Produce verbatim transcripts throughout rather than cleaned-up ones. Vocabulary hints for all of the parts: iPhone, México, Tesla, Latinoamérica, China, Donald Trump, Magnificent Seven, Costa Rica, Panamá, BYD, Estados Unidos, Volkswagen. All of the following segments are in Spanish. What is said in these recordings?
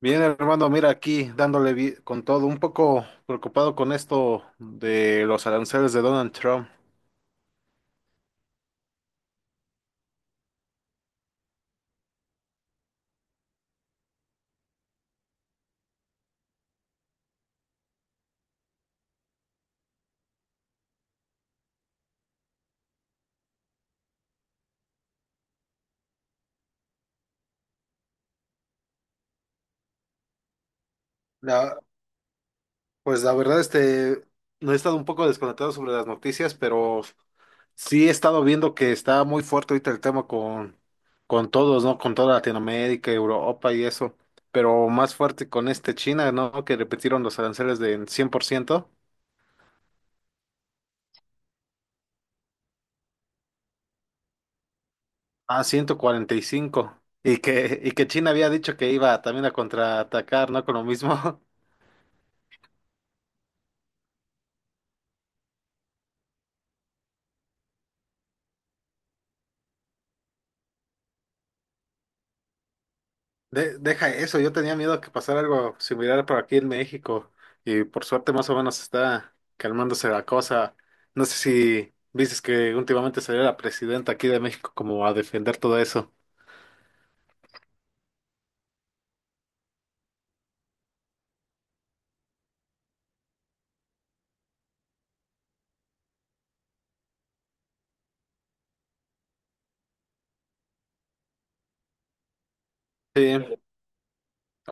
Bien, hermano, mira aquí dándole vi- con todo, un poco preocupado con esto de los aranceles de Donald Trump. La, pues la verdad, este, no he estado un poco desconectado sobre las noticias, pero sí he estado viendo que está muy fuerte ahorita el tema con, con todos, ¿no? Con toda Latinoamérica, Europa y eso, pero más fuerte con este China, ¿no? Que repitieron los aranceles de en cien por ciento, a ciento cuarenta y cinco, y que, y que China había dicho que iba también a contraatacar, ¿no? Con lo mismo. De- deja eso, yo tenía miedo que pasara algo similar por aquí en México y por suerte más o menos está calmándose la cosa. No sé si viste que últimamente salió la presidenta aquí de México como a defender todo eso. Sí,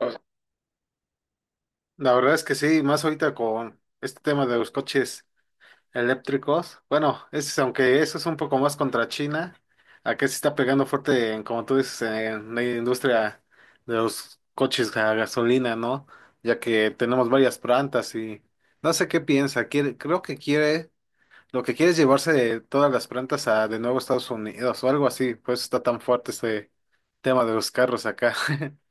o- la verdad es que sí, más ahorita con este tema de los coches eléctricos. Bueno, es, aunque eso es un poco más contra China, acá se está pegando fuerte, en, como tú dices, en la industria de los coches a gasolina, ¿no? Ya que tenemos varias plantas y no sé qué piensa. Quiere, creo que quiere, lo que quiere es llevarse todas las plantas a de nuevo Estados Unidos o algo así. Pues está tan fuerte este tema de los carros acá.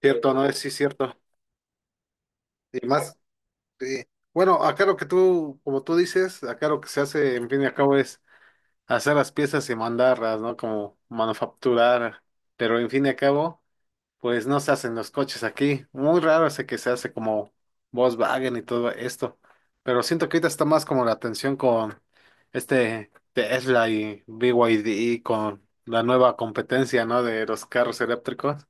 Cierto, no es, sí, cierto. Y más, sí. Bueno, acá lo que tú, como tú dices, acá lo que se hace, en fin y al cabo, es hacer las piezas y mandarlas, ¿no? Como manufacturar. Pero en fin y al cabo, pues no se hacen los coches aquí. Muy raro ese que se hace como Volkswagen y todo esto. Pero siento que ahorita está más como la atención con este Tesla y B Y D, con la nueva competencia, ¿no? De los carros eléctricos.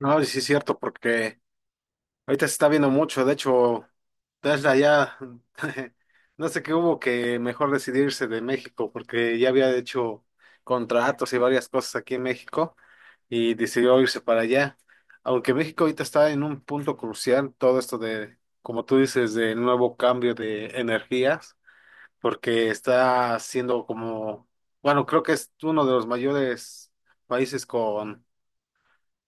No, y sí es cierto, porque ahorita se está viendo mucho, de hecho, Tesla ya, no sé qué hubo que mejor decidirse de México, porque ya había hecho contratos y varias cosas aquí en México y decidió irse para allá. Aunque México ahorita está en un punto crucial, todo esto de, como tú dices, de nuevo cambio de energías, porque está siendo como, bueno, creo que es uno de los mayores países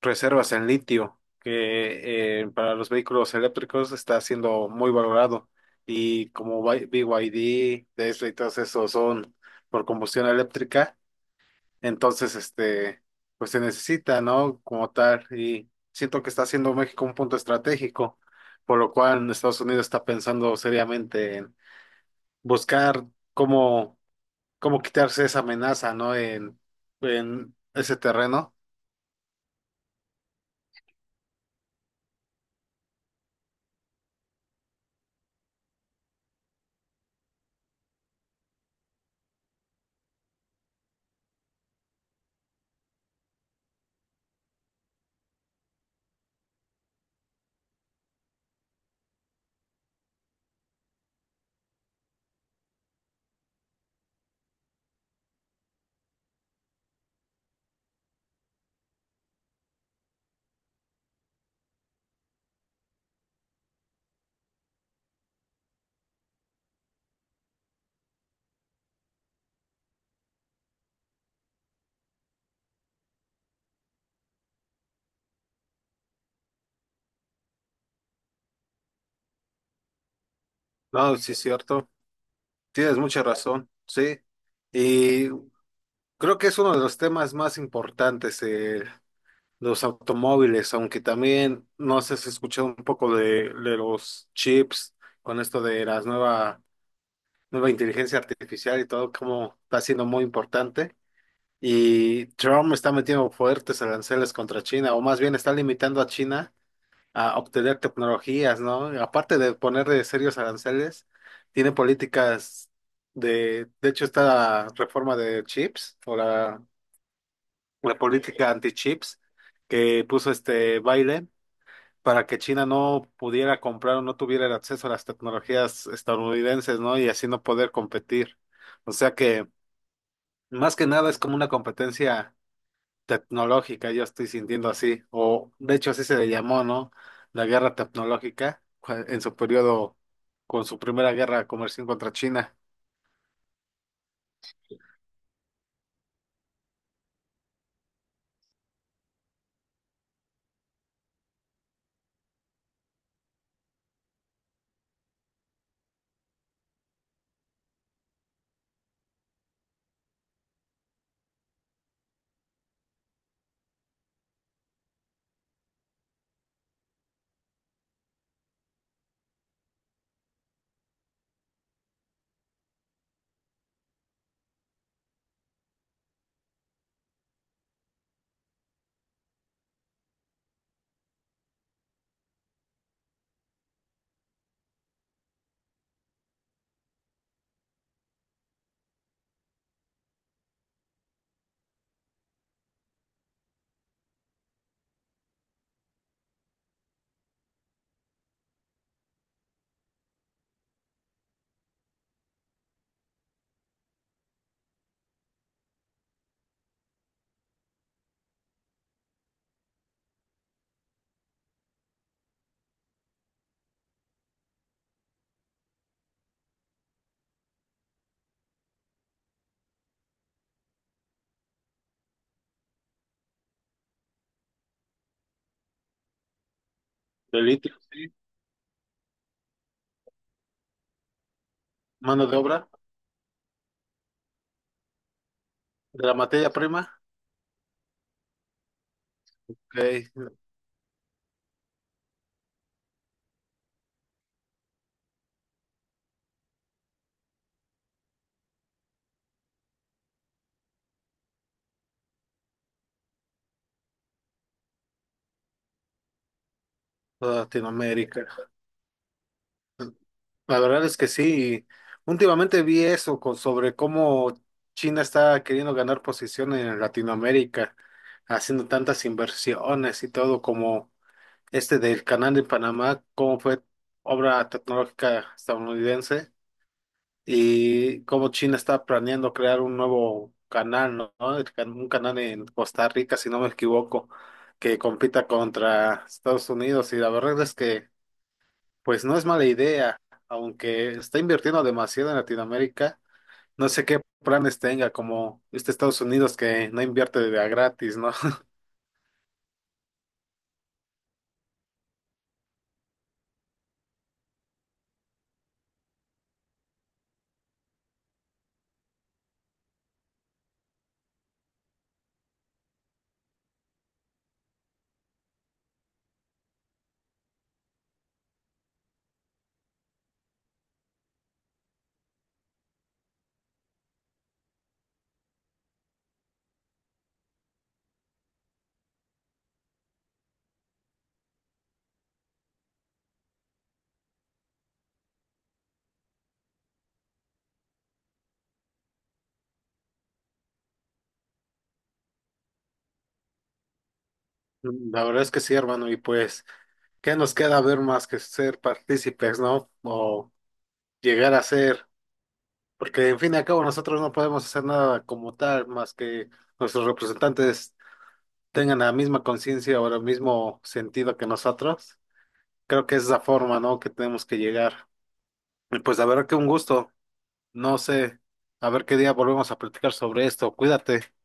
reservas en litio, que eh, para los vehículos eléctricos está siendo muy valorado. Y como Bi- B Y D Tesla y todos esos son por combustión eléctrica, entonces este, pues se necesita, ¿no? Como tal, y siento que está haciendo México un punto estratégico, por lo cual Estados Unidos está pensando seriamente en buscar cómo, cómo quitarse esa amenaza, ¿no? En, en ese terreno. No, sí es cierto. Tienes mucha razón, sí. Y creo que es uno de los temas más importantes, eh, los automóviles, aunque también no sé si has escuchado un poco de, de los chips con esto de las nueva, nueva inteligencia artificial y todo, como está siendo muy importante. Y Trump está metiendo fuertes aranceles contra China, o más bien está limitando a China a obtener tecnologías, ¿no? Y aparte de ponerle serios aranceles, tiene políticas de, de hecho, está la reforma de chips o la, la política anti-chips que puso este baile para que China no pudiera comprar o no tuviera el acceso a las tecnologías estadounidenses, ¿no? Y así no poder competir. O sea que, más que nada, es como una competencia tecnológica, yo estoy sintiendo así, o de hecho así se le llamó, ¿no? La guerra tecnológica cua- en su periodo con su primera guerra comercial contra China. El litio, sí. Mano de obra, de la materia prima, que toda Latinoamérica. La verdad es que sí, últimamente vi eso con, sobre cómo China está queriendo ganar posición en Latinoamérica, haciendo tantas inversiones y todo como este del canal de Panamá, cómo fue obra tecnológica estadounidense y cómo China está planeando crear un nuevo canal, ¿no? ¿No? El can- Un canal en Costa Rica, si no me equivoco, que compita contra Estados Unidos. Y la verdad es que, pues no es mala idea, aunque está invirtiendo demasiado en Latinoamérica. No sé qué planes tenga, como este Estados Unidos que no invierte de a gratis, ¿no? La verdad es que sí, hermano, y pues. ¿Qué nos queda ver más que ser partícipes, ¿no? O llegar a ser, porque en fin y al cabo nosotros no podemos hacer nada como tal, más que nuestros representantes tengan la misma conciencia o el mismo sentido que nosotros. Creo que es la forma, ¿no? Que tenemos que llegar. Y pues a ver qué un gusto. No sé, a ver qué día volvemos a platicar sobre esto. Cuídate.